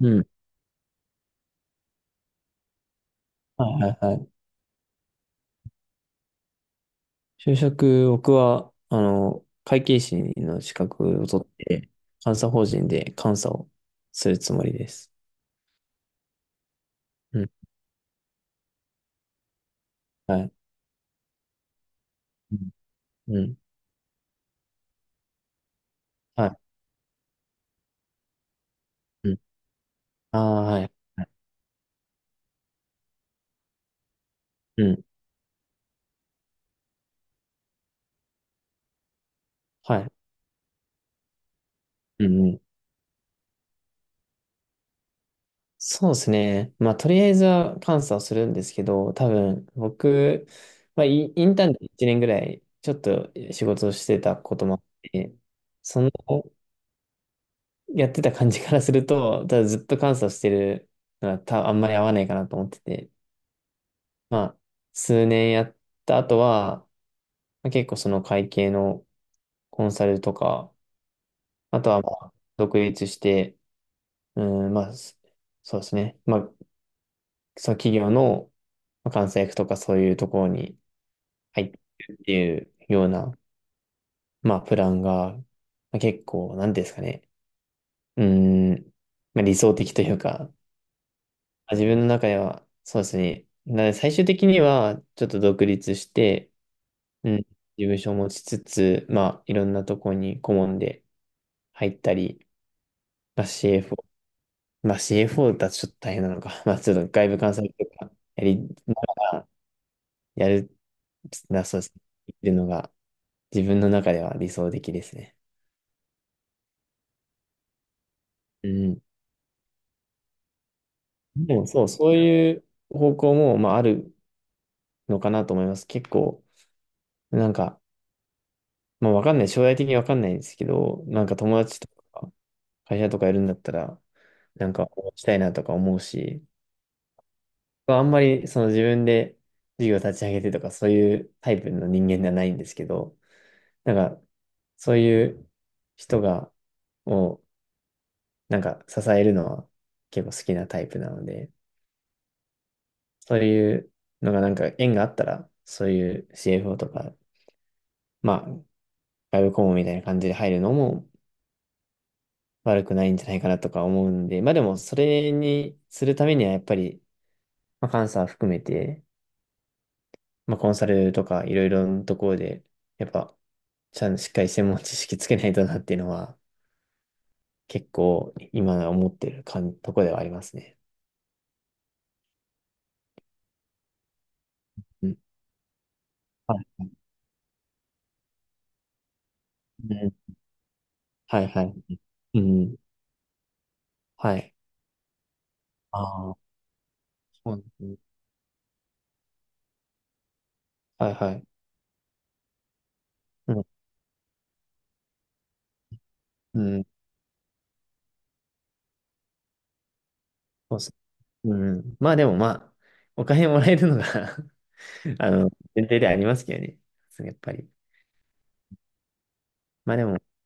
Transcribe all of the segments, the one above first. うん。はいはいはい。就職、僕は、会計士の資格を取って、監査法人で監査をするつもりです。うん。はい。うん。うん。はい。うん。ああ、はい。うん。はい。うん、うん。そうですね。まあ、とりあえずは監査をするんですけど、多分、僕、まあ、インターンで1年ぐらい、ちょっと仕事をしてたこともあって、そのやってた感じからすると、ただずっと監査してるのはあんまり合わないかなと思ってて、まあ、数年やった後は、まあ、結構その会計のコンサルとか、あとはまあ独立して、うん、まあ、そうですね。まあ、その企業のまあ監査役とかそういうところに入ってるっていうような、まあ、プランが、まあ、結構、なんていうんですかね。うん、まあ、理想的というか、自分の中では、そうですね。なので最終的には、ちょっと独立して、うん、事務所を持ちつつ、まあ、いろんなとこに顧問で入ったり、まあ、CFO、まあ、CFO だとちょっと大変なのか、まあ、ちょっと外部監査とか、やりながら、やる、そうですね。っていうのが、自分の中では理想的ですね。うん。でも、そう、そういう方向も、まあ、あるのかなと思います。結構、なんか、まあわかんない。将来的にわかんないんですけど、なんか友達とか会社とかやるんだったら、なんか応援したいなとか思うし、まあんまりその自分で事業立ち上げてとかそういうタイプの人間ではないんですけど、なんかそういう人をなんか支えるのは結構好きなタイプなので、そういうのがなんか縁があったら、そういう CFO とか、まあ、外部顧問みたいな感じで入るのも悪くないんじゃないかなとか思うんで、まあでもそれにするためにはやっぱり、まあ、監査含めて、まあコンサルとかいろいろなところで、やっぱちゃんとしっかり専門知識つけないとなっていうのは結構今思ってるかんとこではありますね。うん。はい。うん。はいはい。うん。はい。ああ、そうですね。はいはい。うん。うん。そうそう。うん。まあでもまあ、お金もらえるのが あの、前提ではありますけどね。そうやっぱり。まあでも、うん。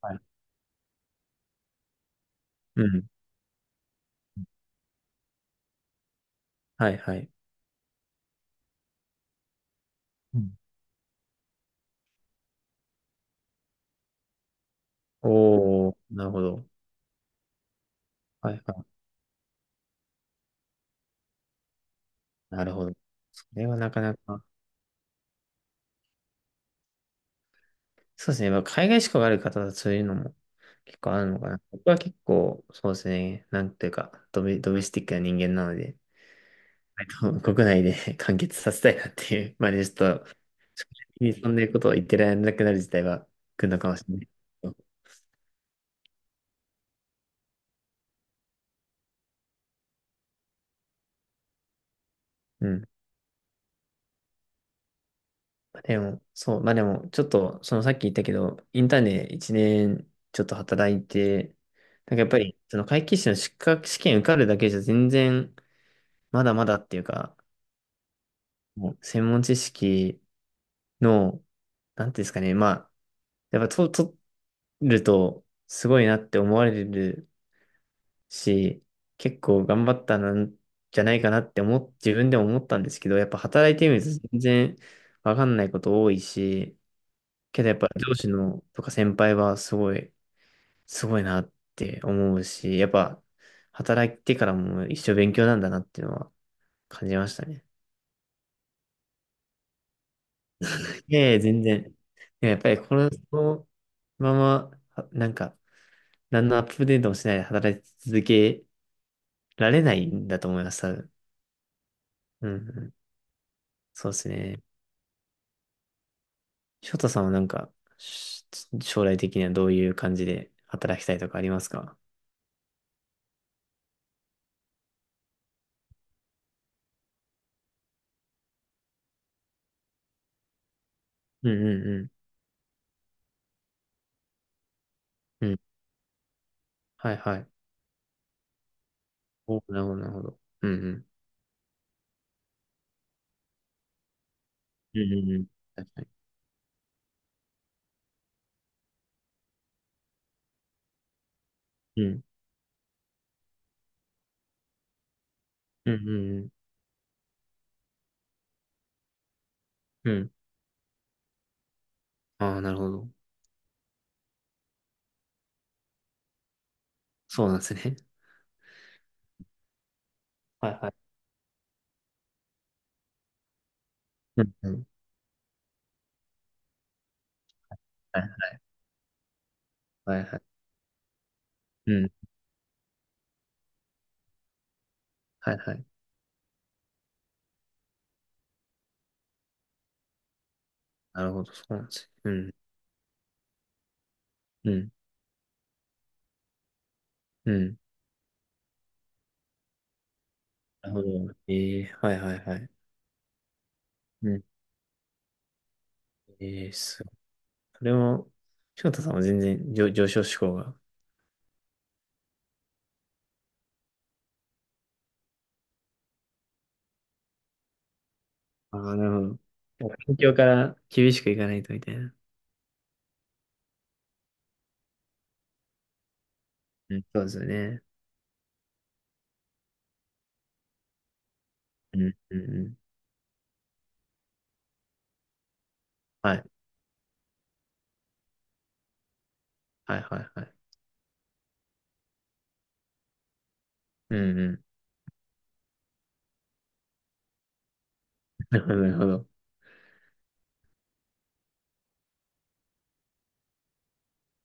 はい。うん。はいはい。うん。おー、なるほど。はいはい。なるほど。それはなかなか。そうですね。まあ海外志向がある方はそういうのも結構あるのかな。僕は結構、そうですね。なんていうか、ドメスティックな人間なので、割と国内で 完結させたいなっていう、まあね、ちょっと、正直にそんなことを言ってられなくなる自体は来るのかもしれない。うん。でも、そう、まあでも、ちょっと、そのさっき言ったけど、インターンで1年ちょっと働いて、なんかやっぱり、その会計士の資格試験受かるだけじゃ全然、まだまだっていうか、もう専門知識の、なんていうんですかね、まあ、やっぱと、取ると、すごいなって思われるし、結構頑張ったなんじゃないかなって自分でも思ったんですけど、やっぱ働いてみると全然わかんないこと多いし、けどやっぱ上司のとか先輩はすごいなって思うし、やっぱ働いてからも一生勉強なんだなっていうのは感じましたね。いやいや、全然。いややっぱりこの、そのまま、はなんか、何のアップデートもしないで働き続けられないんだと思います、多分。うんうん、そうですね。翔太さんはなんか、し将来的にはどういう感じで働きたいとかありますか？うんうんうん。うん。はいはい。お、なるほど、なるほど。うんうん。うんうんうん。確かに。うん。うんうんうん。うん。ああ、なるほど。そうなんですね。はいはい。うんうん。はいはいはいはい。うん。はいはい。なるほど。そうなんですね。うん。うん。うん。なるほど。ええ、はいはいはい。うん。ええ、すごい。それも、翔太さんは全然、上昇志向が。ああ、なるほど。もう環境から厳しくいかないとみたいな。うん。そうですよね。うん。うんうん。はい。はいはいはい。うんうん。なるほど。なるほど。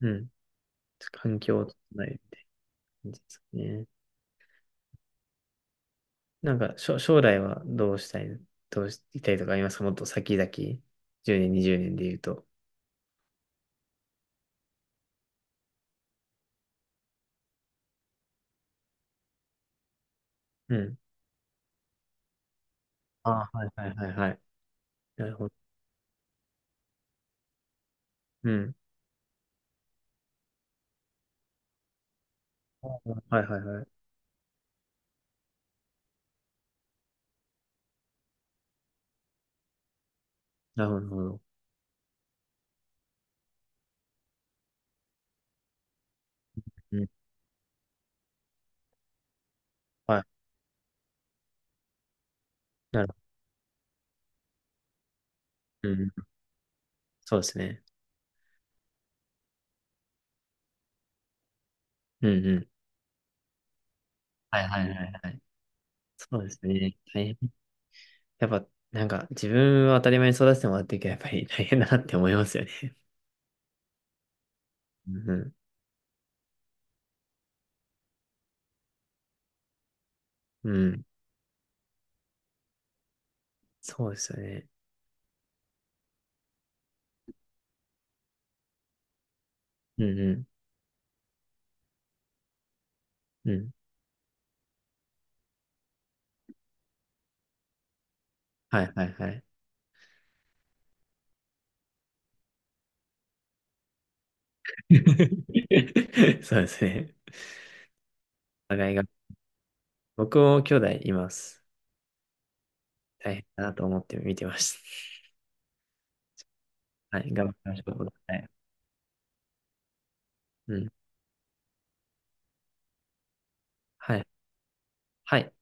うん。環境を整えるですね。なんか、将来はどうしたいとかありますか？もっと先々、10年、20年で言うと。うん。ああ、はいはいはいはい。なるほど。うん。はいはいはい。なるほど。なるほど。うん。はい。なるほど。うん。そうですね。うんうん。はいはいはいはい。そうですね。大変。やっぱ、なんか、自分は当たり前に育ててもらってるけど、やっぱり大変だなって思いますよね。うんうん。うん。そうですよね。うんうん。うん。はいはいはい。そうですね。お互いが。僕も兄弟います。大変だなと思って見てました。はい、頑張りましょう。はい。うん。はい。はい。